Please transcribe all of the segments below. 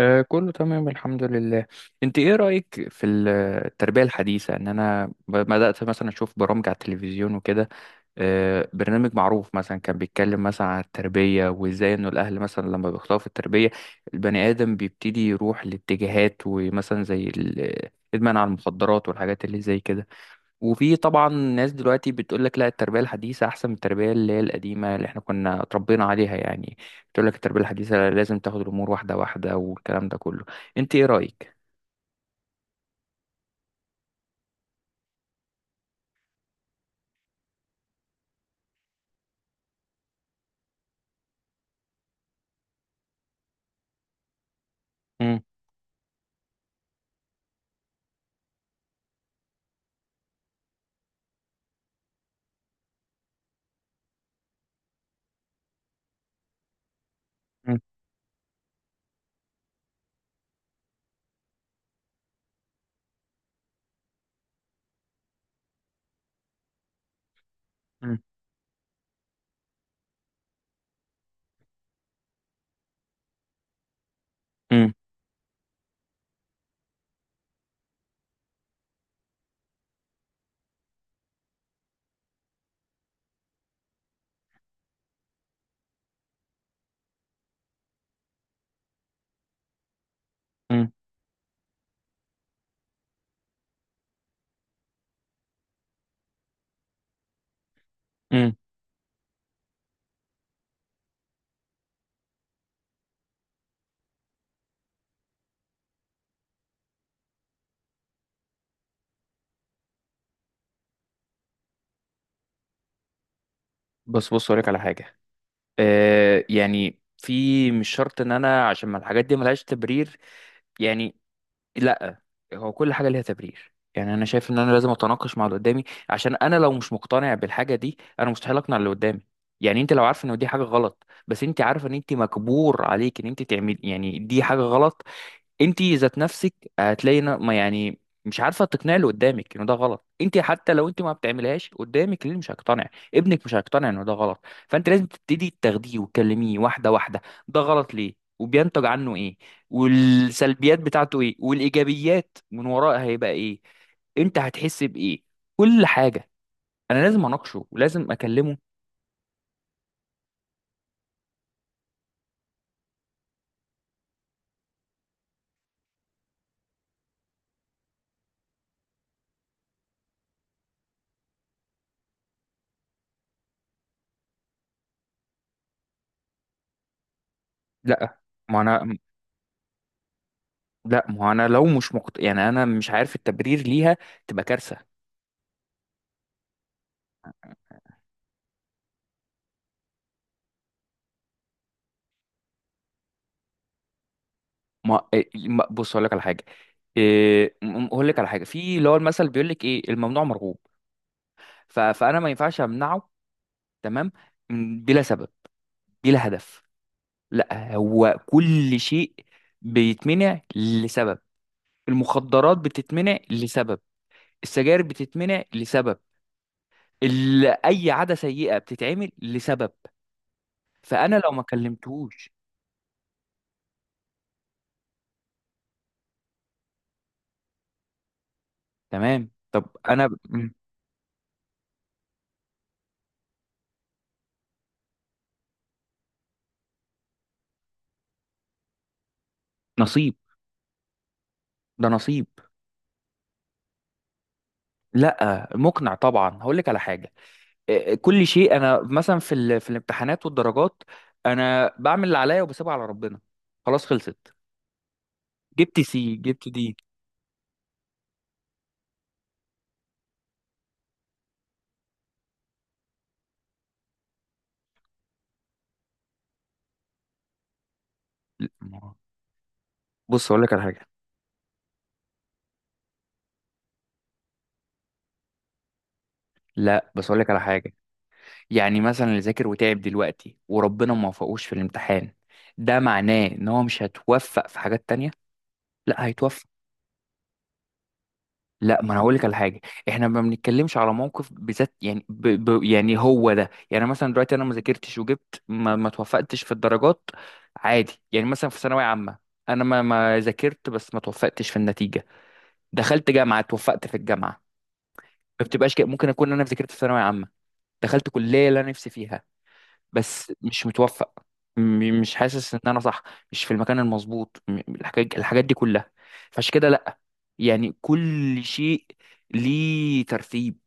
كله تمام الحمد لله. انت ايه رأيك في التربية الحديثة؟ ان انا بدأت مثلا اشوف برامج على التلفزيون وكده. برنامج معروف مثلا كان بيتكلم مثلا عن التربية وازاي انه الاهل مثلا لما بيخطئوا في التربية البني ادم بيبتدي يروح لاتجاهات، ومثلا زي الادمان على المخدرات والحاجات اللي زي كده. وفي طبعا ناس دلوقتي بتقول لك لا، التربية الحديثة أحسن من التربية اللي هي القديمة اللي احنا كنا اتربينا عليها يعني. بتقول لك التربية الحديثة لازم تاخد الأمور واحدة واحدة والكلام ده كله. أنت إيه رأيك؟ مم، مم، مم، مم، مم، مم. بص بص أقولك على حاجة. يعني في مش شرط إن أنا، عشان ما الحاجات دي ملهاش تبرير، يعني لا، هو كل حاجه ليها تبرير. يعني انا شايف ان انا لازم اتناقش مع اللي قدامي، عشان انا لو مش مقتنع بالحاجه دي انا مستحيل اقنع اللي قدامي. يعني انت لو عارفه ان دي حاجه غلط، بس انت عارفه ان انت مجبور عليك ان انت تعمل، يعني دي حاجه غلط. انت ذات نفسك هتلاقي ما يعني مش عارفه تقنعي اللي قدامك انه ده غلط، انت حتى لو انت ما بتعملهاش قدامك اللي مش هيقتنع ابنك مش هيقتنع انه ده غلط. فانت لازم تبتدي تاخديه وتكلميه واحده واحده، ده غلط ليه وبينتج عنه ايه، والسلبيات بتاعته ايه والايجابيات من وراء هيبقى ايه، انت هتحس بايه، كل حاجه. انا لازم اناقشه ولازم اكلمه. لا. ما انا ما انا لو مش يعني انا مش عارف التبرير ليها تبقى كارثه. ما إيه- ما- بص اقول لك على حاجه. اقول لك على حاجه، في اللي هو المثل بيقول لك ايه؟ الممنوع مرغوب. فانا ما ينفعش امنعه. تمام، بلا سبب، بلا هدف. لا، هو كل شيء بيتمنع لسبب. المخدرات بتتمنع لسبب، السجاير بتتمنع لسبب، اي عاده سيئه بتتعمل لسبب. فانا لو ما كلمتهوش. تمام. طب انا. نصيب. ده نصيب. لا مقنع طبعا. هقول لك على حاجه. كل شيء، انا مثلا في في الامتحانات والدرجات انا بعمل اللي عليا وبسيبها على ربنا. خلاص خلصت. جبت سي جبت دي. لا، ما- بص اقول لك على حاجه. لا بس اقول لك على حاجه. يعني مثلا اللي ذاكر وتعب دلوقتي وربنا ما وفقوش في الامتحان ده معناه ان هو مش هتوفق في حاجات تانية؟ لا هيتوفق. لا، ما انا هقول لك على حاجه. احنا ما بنتكلمش على موقف بذات، يعني يعني هو ده. يعني مثلا دلوقتي انا ما ذاكرتش وجبت ما توفقتش في الدرجات، عادي. يعني مثلا في ثانويه عامه انا ما ذاكرت بس ما توفقتش في النتيجه، دخلت جامعه توفقت في الجامعه. ما بتبقاش كده، ممكن اكون انا ذاكرت في ثانويه عامه دخلت كليه اللي انا نفسي فيها بس مش متوفق، مش حاسس ان انا صح، مش في المكان المظبوط، الحاجات، الحاجات دي كلها. فعشان كده لا، يعني كل شيء ليه ترتيب.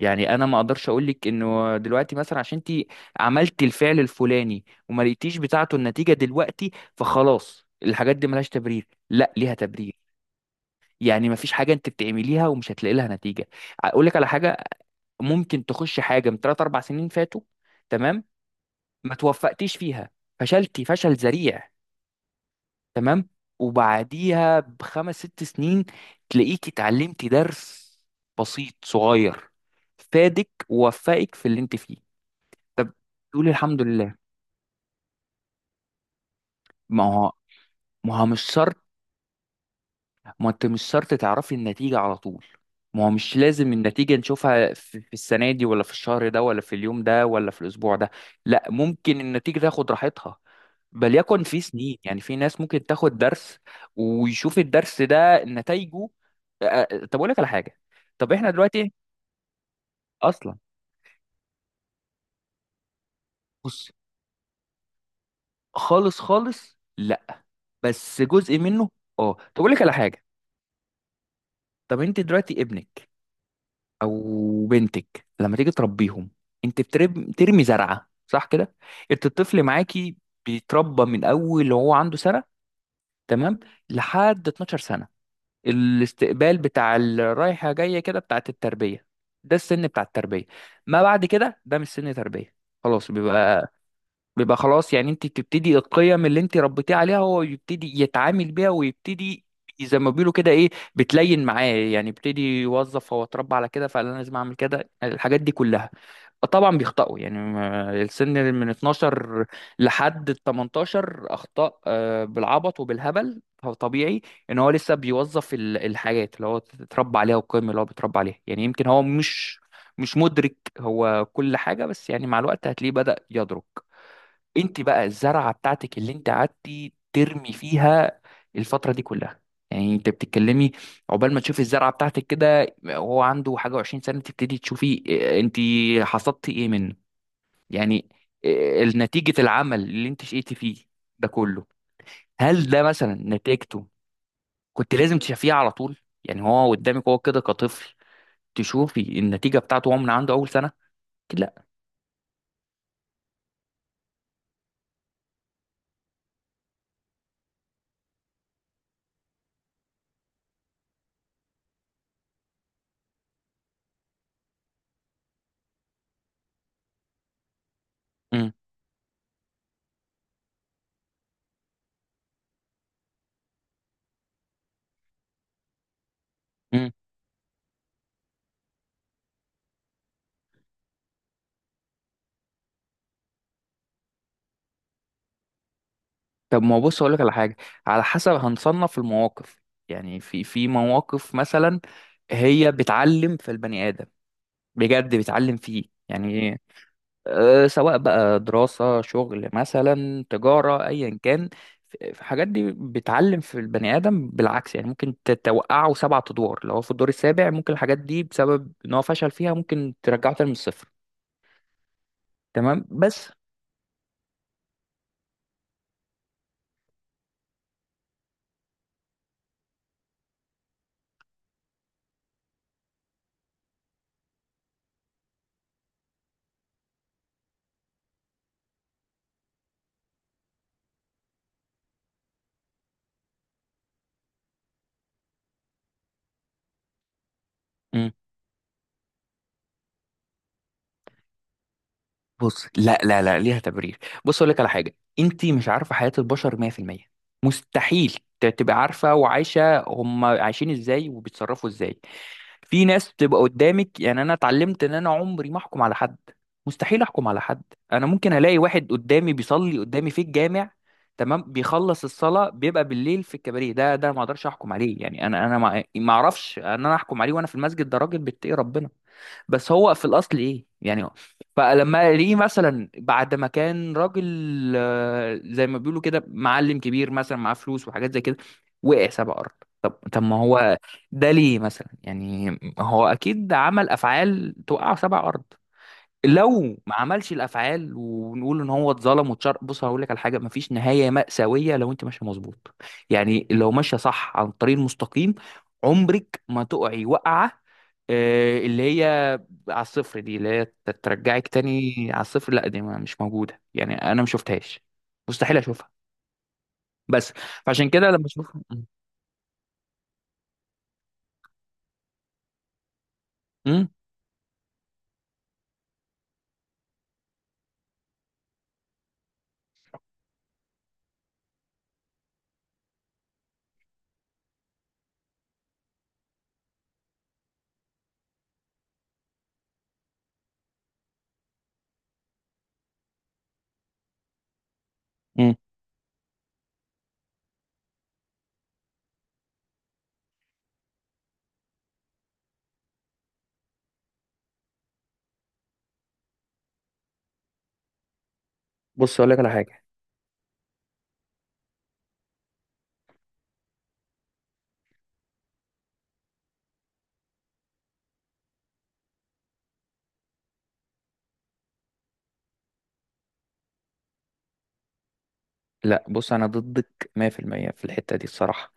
يعني انا ما اقدرش اقول لك انه دلوقتي مثلا عشان انت عملت الفعل الفلاني وما لقيتيش بتاعته النتيجه دلوقتي، فخلاص الحاجات دي ملهاش تبرير. لا ليها تبرير. يعني ما فيش حاجه انت بتعمليها ومش هتلاقي لها نتيجه. اقول لك على حاجه، ممكن تخش حاجه من 3 4 سنين فاتوا، تمام، ما توفقتيش فيها، فشلتي فشل ذريع، تمام، وبعديها بخمس ست سنين تلاقيك اتعلمتي درس بسيط صغير فادك ووفقك في اللي انت فيه. طب تقولي الحمد لله. ما هو ما هو مش شرط. ما انت مش شرط تعرفي النتيجة على طول. ما هو مش لازم النتيجة نشوفها في في السنة دي ولا في الشهر ده ولا في اليوم ده ولا في الأسبوع ده. لا ممكن النتيجة تاخد راحتها، بل يكن في سنين. يعني في ناس ممكن تاخد درس ويشوف الدرس ده نتائجه. طب اقول لك على حاجه. طب احنا دلوقتي اصلا. بص. خالص خالص لا، بس جزء منه. اه طب اقول لك على حاجه. طب انت دلوقتي ابنك او بنتك لما تيجي تربيهم، انت بترمي زرعه صح كده. انت الطفل معاكي بيتربى من اول وهو عنده سنه، تمام، لحد 12 سنه. الاستقبال بتاع الرايحة جاية كده بتاعت التربية، ده السن بتاع التربية. ما بعد كده ده مش سن تربية، خلاص بيبقى، بيبقى خلاص. يعني انت بتبتدي القيم اللي انت ربيتيه عليها هو يبتدي يتعامل بيها ويبتدي، زي ما بيقولوا كده ايه، بتلين معاه. يعني يبتدي يوظف، هو اتربى على كده فانا لازم اعمل كده، الحاجات دي كلها. طبعا بيخطئوا، يعني السن من 12 لحد ال 18 اخطاء، بالعبط وبالهبل. فطبيعي ان هو لسه بيوظف الحاجات اللي هو اتربى عليها والقيم اللي هو بيتربى عليها. يعني يمكن هو مش مدرك هو كل حاجة، بس يعني مع الوقت هتلاقيه بدأ يدرك. انت بقى الزرعه بتاعتك اللي انت قعدتي ترمي فيها الفتره دي كلها، يعني انت بتتكلمي، عقبال ما تشوفي الزرعه بتاعتك كده وهو عنده حاجه وعشرين سنه تبتدي تشوفي، انت حصدتي ايه منه يعني، اه، نتيجه العمل اللي انت شقيتي فيه ده كله. هل ده مثلا نتيجته كنت لازم تشوفيها على طول؟ يعني هو قدامك هو كده كطفل تشوفي النتيجه بتاعته هو من عنده اول سنه؟ اكيد لا. امم. طب ما هو بص اقول لك على حاجه، على حسب هنصنف المواقف. يعني في في مواقف مثلا هي بتعلم في البني ادم، بجد بتعلم فيه، يعني سواء بقى دراسه شغل مثلا تجاره ايا كان، في في حاجات دي بتعلم في البني ادم. بالعكس يعني ممكن توقعه سبعة ادوار، لو هو في الدور السابع ممكن الحاجات دي بسبب ان هو فشل فيها ممكن ترجعه تاني من الصفر. تمام بس. بص لا لا لا ليها تبرير. بص اقول لك على حاجه، انت مش عارفه حياه البشر 100%، مستحيل تبقى عارفه وعايشه هم عايشين ازاي وبيتصرفوا ازاي. في ناس بتبقى قدامك، يعني انا اتعلمت ان انا عمري ما احكم على حد، مستحيل احكم على حد. انا ممكن الاقي واحد قدامي بيصلي قدامي في الجامع، تمام، بيخلص الصلاه بيبقى بالليل في الكباريه، ده ده ما اقدرش احكم عليه. يعني انا ما اعرفش ان انا احكم عليه وانا في المسجد ده راجل بيتقي ربنا، بس هو في الاصل ايه؟ يعني فلما ليه مثلا بعد ما كان راجل، زي ما بيقولوا كده معلم كبير مثلا معاه فلوس وحاجات زي كده، وقع سبع ارض. طب ما هو ده ليه مثلا يعني؟ هو اكيد عمل افعال توقع سبع ارض. لو ما عملش الافعال ونقول ان هو اتظلم واتشر. بص هقول لك على حاجه، مفيش نهايه مأساويه لو انت ماشيه مظبوط. يعني لو ماشيه صح عن الطريق المستقيم عمرك ما تقعي وقعه، اللي هي على الصفر دي اللي هي ترجعك تاني على الصفر. لا دي مش موجوده، يعني انا ما شفتهاش، مستحيل اشوفها. بس فعشان كده لما اشوفها. امم. امم. بص اقول لك على حاجه. لا بص انا ضدك 100% في المية في الحته دي الصراحه.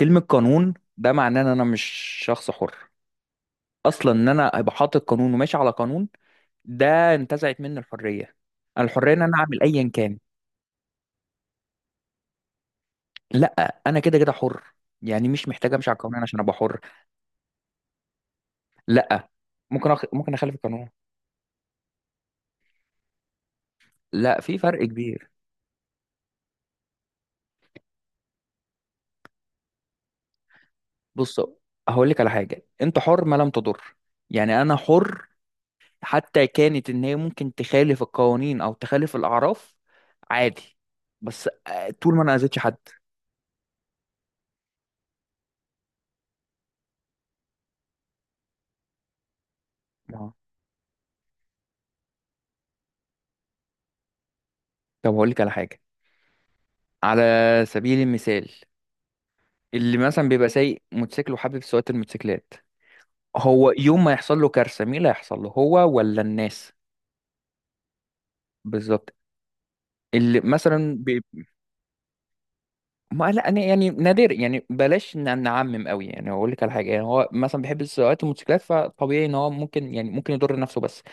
كلمة قانون ده معناه ان انا مش شخص حر. اصلا ان انا ابقى حاطط قانون وماشي على قانون ده انتزعت مني الحرية. انا الحرية ان انا اعمل ايا كان. لا انا كده كده حر، يعني مش محتاج امشي على القانون عشان ابقى حر. لا ممكن ممكن اخالف القانون. لا في فرق كبير. بص هقول لك على حاجة، انت حر ما لم تضر. يعني انا حر حتى كانت ان هي ممكن تخالف القوانين او تخالف الاعراف عادي، بس طول ما انا اذيتش حد. ما هو- طب هقول لك على حاجة، على سبيل المثال، اللي مثلا بيبقى سايق موتوسيكل وحابب سواقة الموتوسيكلات، هو يوم ما يحصل له كارثة مين اللي هيحصل له؟ هو ولا الناس؟ بالظبط. اللي مثلا ما لا أنا يعني نادر، يعني بلاش نعمم قوي. يعني اقول لك على حاجه، يعني هو مثلا بيحب سواقه الموتوسيكلات فطبيعي ان هو ممكن، يعني ممكن يضر نفسه. بس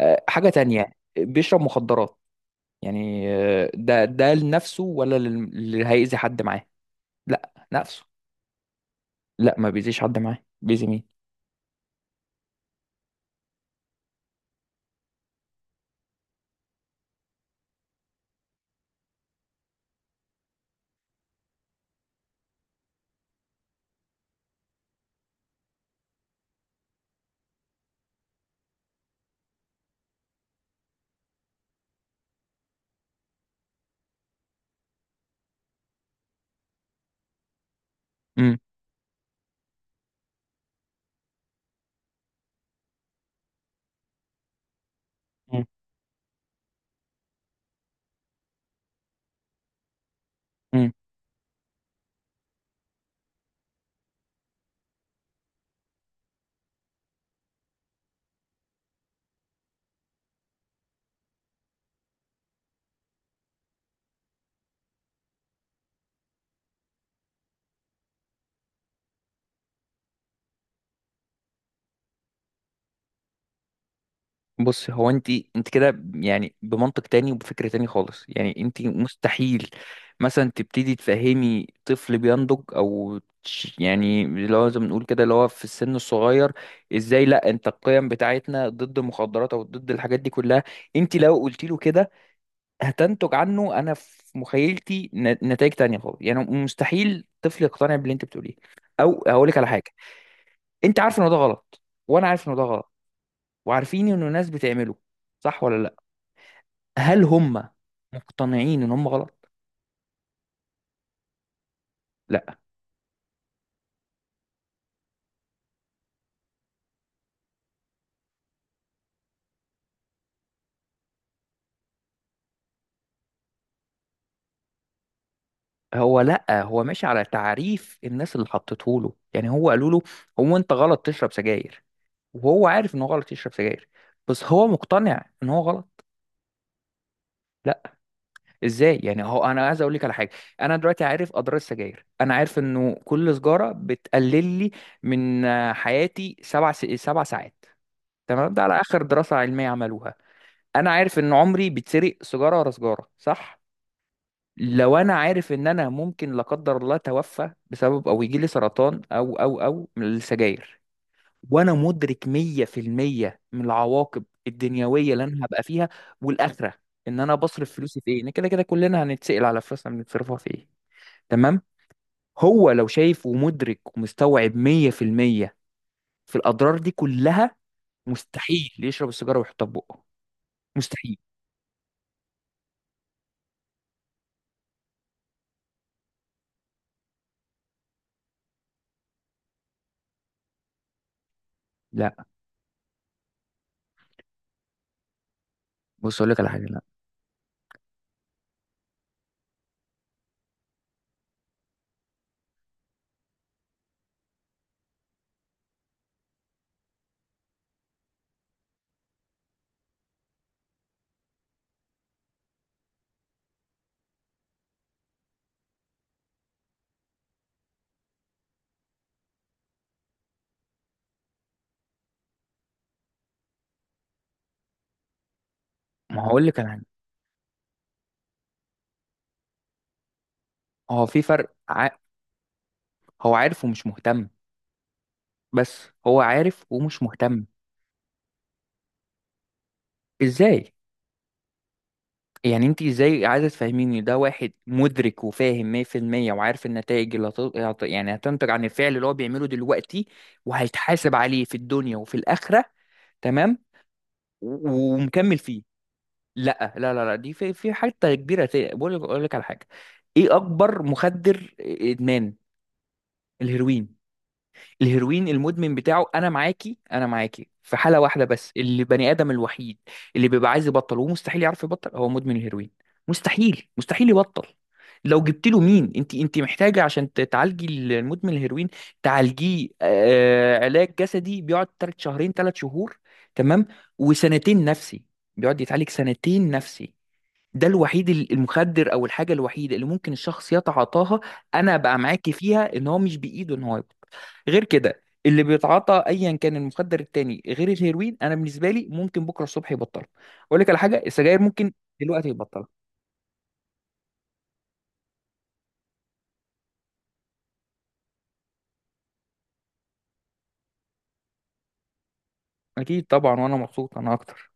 حاجه تانية، بيشرب مخدرات، يعني ده ده لنفسه ولا اللي هيأذي حد معاه؟ لا نفسه. لا، ما بيأذيش حد معاه، بيأذي مين؟ امم. بص هو انت، انت كده يعني بمنطق تاني وبفكر تاني خالص. يعني انت مستحيل مثلا تبتدي تفهمي طفل بينضج او يعني اللي هو زي ما بنقول كده اللي هو في السن الصغير، ازاي لا انت القيم بتاعتنا ضد المخدرات او ضد الحاجات دي كلها. انت لو قلت له كده هتنتج عنه، انا في مخيلتي نتائج تانية خالص. يعني مستحيل طفل يقتنع باللي انت بتقوليه. او هقول لك على حاجة، انت عارف ان ده غلط، وانا عارف ان ده غلط، وعارفين ان الناس بتعمله صح ولا لا؟ هل هم مقتنعين ان هم غلط؟ لا. هو لا هو ماشي على تعريف الناس اللي حطته له. يعني هو قالوا له هو انت غلط تشرب سجاير، وهو عارف ان هو غلط يشرب سجاير، بس هو مقتنع ان هو غلط؟ لا. ازاي يعني؟ هو انا عايز اقول لك على حاجه، انا دلوقتي عارف اضرار السجاير، انا عارف انه كل سجاره بتقلل لي من حياتي سبع ساعات، تمام، ده على اخر دراسه علميه عملوها. انا عارف ان عمري بيتسرق سيجاره ورا سيجاره صح. لو انا عارف ان انا ممكن لا قدر الله اتوفى بسبب او يجي لي سرطان او من السجاير، وانا مدرك 100% من العواقب الدنيويه اللي انا هبقى فيها والاخره، ان انا بصرف فلوسي في ايه، إن كده كده كلنا هنتسال على فلوسنا بنتصرفها في ايه، تمام. هو لو شايف ومدرك ومستوعب 100% في المية في الاضرار دي كلها، مستحيل يشرب السيجاره ويحطها في بقه، مستحيل. لا بص اقول لك على حاجه. لا ما هقول لك على حاجه، هو في فرق هو عارف ومش مهتم، بس هو عارف ومش مهتم. ازاي يعني؟ انت ازاي عايزه تفهميني ده واحد مدرك وفاهم 100% وعارف النتائج اللي يعني هتنتج عن الفعل اللي هو بيعمله دلوقتي، وهيتحاسب عليه في الدنيا وفي الآخرة، تمام، ومكمل فيه. لا دي في في حته كبيره، بقول لك اقول لك على حاجه، ايه اكبر مخدر ادمان؟ الهيروين. الهيروين المدمن بتاعه، انا معاكي انا معاكي في حاله واحده بس، اللي بني ادم الوحيد اللي بيبقى عايز يبطل ومستحيل يعرف يبطل هو مدمن الهيروين، مستحيل مستحيل يبطل. لو جبت له، مين انت انت محتاجه عشان تعالجي المدمن الهيروين؟ تعالجيه آه علاج جسدي بيقعد تلات شهرين ثلاث شهور، تمام، وسنتين نفسي، بيقعد يتعالج سنتين نفسي. ده الوحيد المخدر او الحاجه الوحيده اللي ممكن الشخص يتعاطاها انا بقى معاكي فيها ان هو مش بايده ان هو يبطل. غير كده اللي بيتعاطى ايا كان المخدر التاني غير الهيروين انا بالنسبه لي ممكن بكره الصبح يبطله. اقول لك على حاجه، السجاير ممكن دلوقتي يبطلها. اكيد طبعا، وانا مبسوط انا اكتر.